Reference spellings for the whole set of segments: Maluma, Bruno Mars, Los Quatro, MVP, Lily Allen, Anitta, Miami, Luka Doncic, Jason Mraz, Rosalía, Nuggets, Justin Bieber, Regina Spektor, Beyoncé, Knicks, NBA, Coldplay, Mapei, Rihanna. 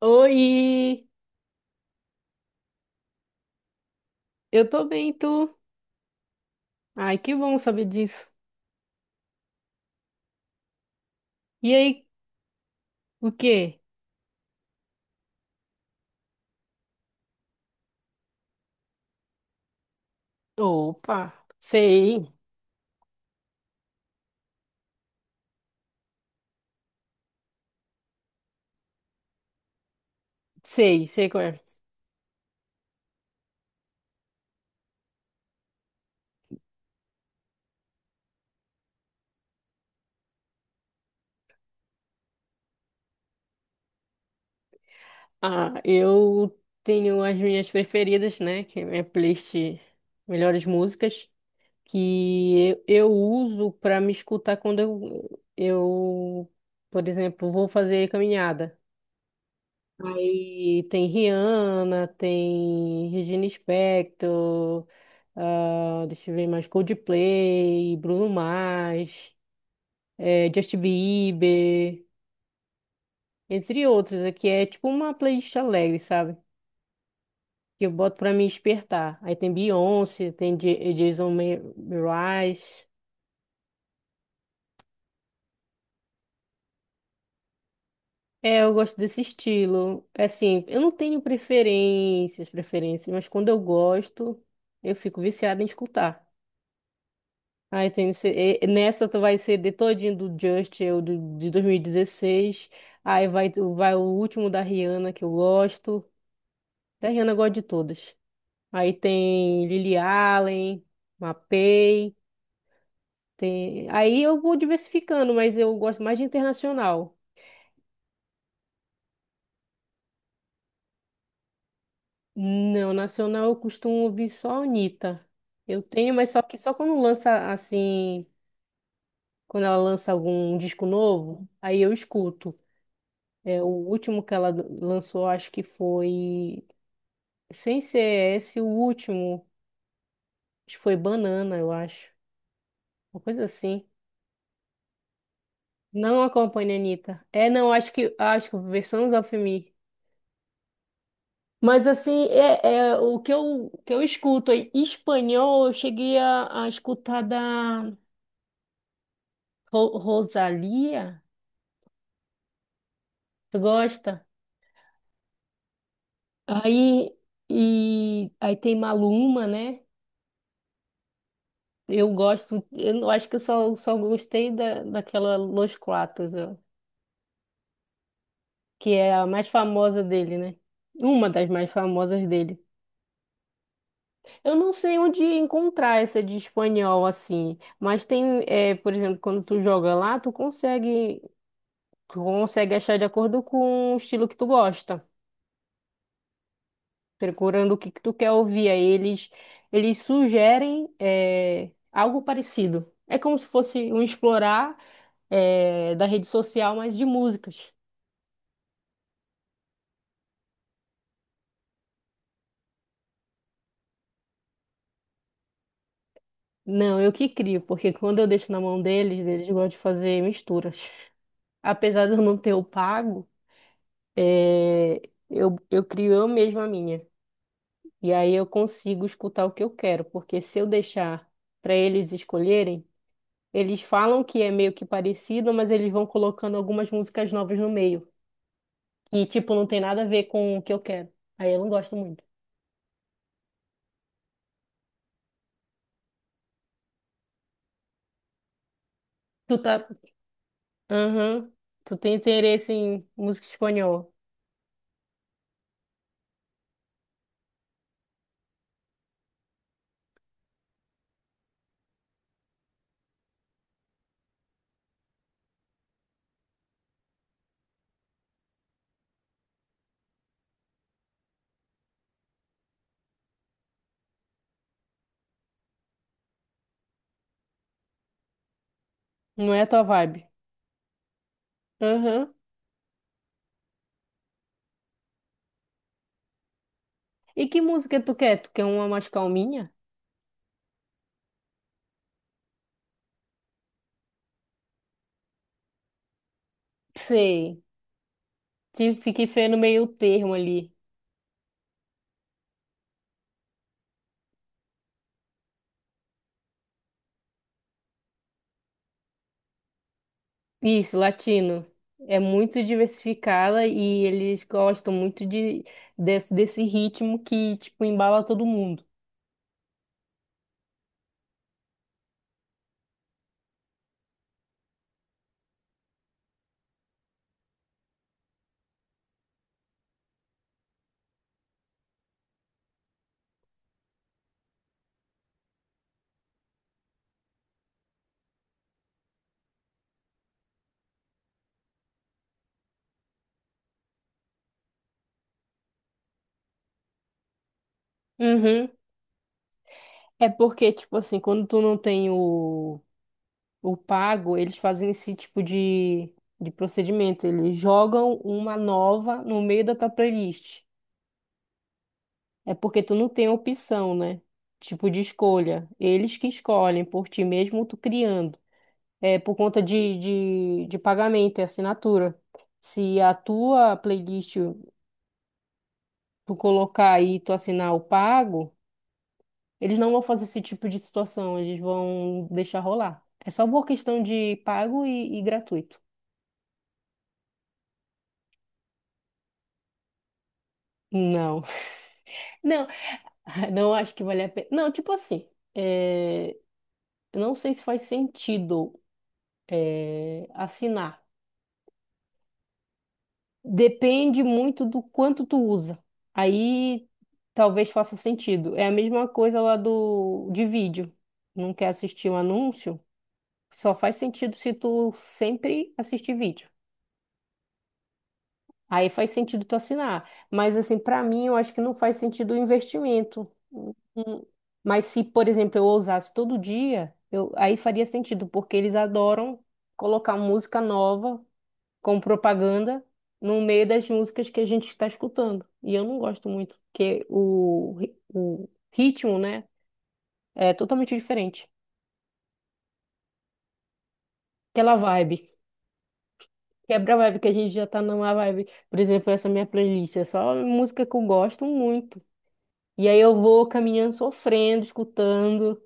Oi, eu tô bem, e tu? Ai, que bom saber disso. E aí, o quê? Opa, sei, sei, sei qual é. Ah, eu tenho as minhas preferidas, né? Que é minha playlist Melhores Músicas, que eu uso pra me escutar quando eu, por exemplo, vou fazer caminhada. Aí tem Rihanna, tem Regina Spektor, ah, deixa eu ver mais, Coldplay, Bruno Mars, Justin Bieber, entre outros. Aqui é tipo uma playlist alegre, sabe? Que eu boto pra me despertar. Aí tem Beyoncé, tem Jason Mraz. É, eu gosto desse estilo. É assim, eu não tenho preferências, preferências, mas quando eu gosto, eu fico viciada em escutar. Aí tem nessa tu vai ser de todinho do Just, de 2016. Aí vai, vai o último da Rihanna, que eu gosto. Da Rihanna eu gosto de todas. Aí tem Lily Allen, Mapei. Tem... Aí eu vou diversificando, mas eu gosto mais de internacional. Não, nacional eu costumo ouvir só a Anitta. Eu tenho, mas só que só quando lança assim, quando ela lança algum disco novo, aí eu escuto. É, o último que ela lançou, acho que foi. Sem ser esse, o último. Acho que foi Banana, eu acho. Uma coisa assim. Não acompanha a Anitta. É, não, acho que versão of Me. Mas assim, é o que eu escuto em espanhol, eu cheguei a escutar da Rosalía. Tu gosta? Aí, aí tem Maluma, né? Eu gosto, eu acho que eu só gostei daquela Los Quatro, ó, que é a mais famosa dele, né? Uma das mais famosas dele. Eu não sei onde encontrar essa de espanhol assim, mas tem, é, por exemplo, quando tu joga lá, tu consegue achar de acordo com o estilo que tu gosta, procurando o que tu quer ouvir. Aí eles sugerem, é, algo parecido. É como se fosse um explorar, é, da rede social, mas de músicas. Não, eu que crio, porque quando eu deixo na mão deles, eles gostam de fazer misturas. Apesar de eu não ter o pago, é, eu crio eu mesma a minha. E aí eu consigo escutar o que eu quero, porque se eu deixar para eles escolherem, eles falam que é meio que parecido, mas eles vão colocando algumas músicas novas no meio. E, tipo, não tem nada a ver com o que eu quero. Aí eu não gosto muito. Tu tá. Aham. Tu tem interesse em música espanhola. Não é a tua vibe. Aham. E que música tu quer? Tu quer uma mais calminha? Sei. Fiquei feio no meio termo ali. Isso, latino. É muito diversificada e eles gostam muito desse ritmo que, tipo, embala todo mundo. Uhum. É porque, tipo assim, quando tu não tem o pago, eles fazem esse tipo de procedimento. Eles jogam uma nova no meio da tua playlist. É porque tu não tem opção, né? Tipo de escolha. Eles que escolhem por ti mesmo, tu criando. É por conta de pagamento e assinatura. Se a tua playlist tu colocar aí e tu assinar o pago, eles não vão fazer esse tipo de situação, eles vão deixar rolar. É só por questão de pago e gratuito. Não, não, não acho que vale a pena. Não, tipo assim, é, eu não sei se faz sentido assinar. Depende muito do quanto tu usa. Aí talvez faça sentido. É a mesma coisa lá do de vídeo. Não quer assistir um anúncio? Só faz sentido se tu sempre assistir vídeo. Aí faz sentido tu assinar. Mas assim, pra mim, eu acho que não faz sentido o investimento. Hum. Hum. Mas se, por exemplo, eu usasse todo dia, aí faria sentido, porque eles adoram colocar música nova com propaganda no meio das músicas que a gente está escutando. E eu não gosto muito, porque o ritmo, né, é totalmente diferente. Aquela vibe. Quebra a vibe que a gente já tá numa vibe. Por exemplo, essa minha playlist é só música que eu gosto muito. E aí eu vou caminhando sofrendo, escutando.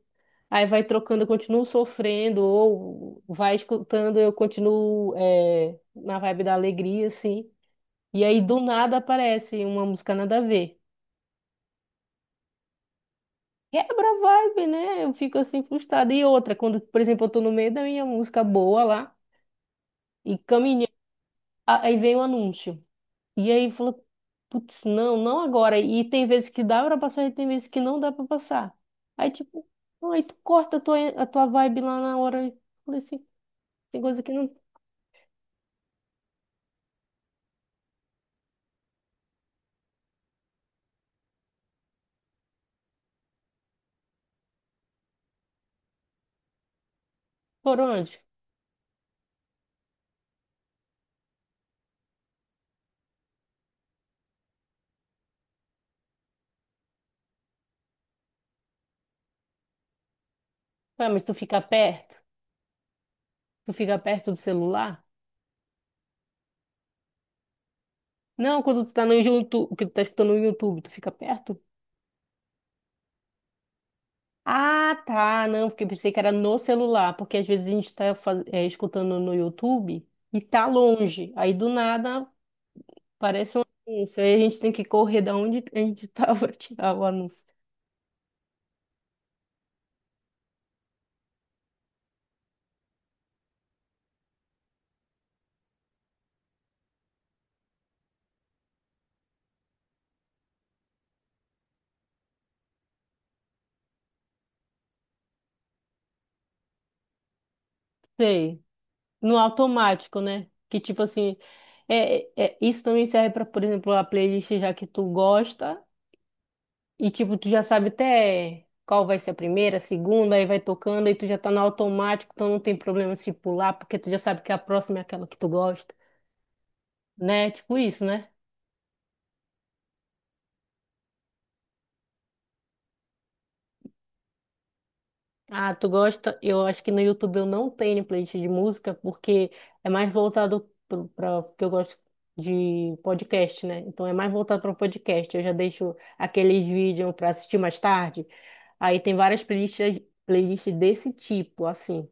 Aí vai trocando, eu continuo sofrendo, ou vai escutando, eu continuo é, na vibe da alegria, assim. E aí do nada aparece uma música nada a ver. Quebra a vibe, né? Eu fico assim frustrada. E outra, quando, por exemplo, eu tô no meio da minha música boa lá e caminhando, aí vem o anúncio. E aí falou, putz, não, não agora. E tem vezes que dá pra passar e tem vezes que não dá pra passar. Aí tipo, aí tu corta a tua vibe lá na hora. Eu falei assim, tem coisa que não por onde? Ué, mas tu fica perto? Tu fica perto do celular? Não, quando tu tá no YouTube, que tu tá escutando no YouTube, tu fica perto? Ah, tá. Não, porque eu pensei que era no celular, porque às vezes a gente está escutando no YouTube e tá longe. Aí do nada aparece um anúncio. Aí a gente tem que correr da onde a gente estava pra tirar o anúncio. Sei. No automático, né? Que tipo assim, isso também serve para, por exemplo, a playlist já que tu gosta e tipo tu já sabe até qual vai ser a primeira, a segunda, aí vai tocando aí tu já tá no automático, então não tem problema se pular, porque tu já sabe que a próxima é aquela que tu gosta. Né? Tipo isso, né? Ah, tu gosta? Eu acho que no YouTube eu não tenho playlist de música porque é mais voltado para porque eu gosto de podcast, né? Então é mais voltado para podcast. Eu já deixo aqueles vídeos para assistir mais tarde. Aí tem várias playlists desse tipo, assim,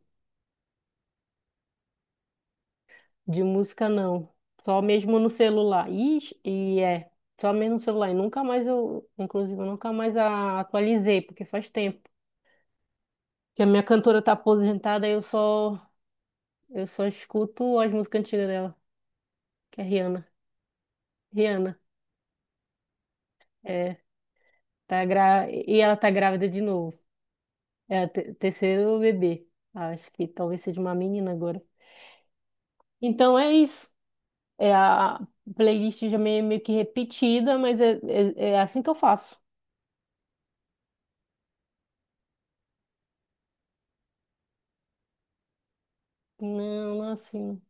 de música não. Só mesmo no celular. Ixi, e é, só mesmo no celular. E nunca mais eu, inclusive, eu nunca mais atualizei, porque faz tempo. Que a minha cantora tá aposentada, eu só escuto as músicas antigas dela, que é Rihanna. Rihanna, é, e ela tá grávida de novo. É o terceiro bebê. Acho que talvez seja uma menina agora. Então é isso. É a playlist já meio que repetida, mas é assim que eu faço. Não, não é assim.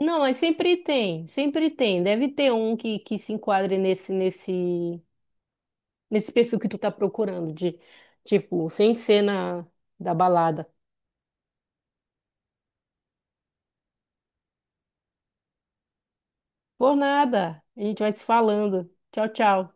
Não, mas sempre tem, sempre tem. Deve ter um que se enquadre nesse perfil que tu tá procurando, de tipo, sem cena da balada. Por nada. A gente vai se falando. Tchau, tchau.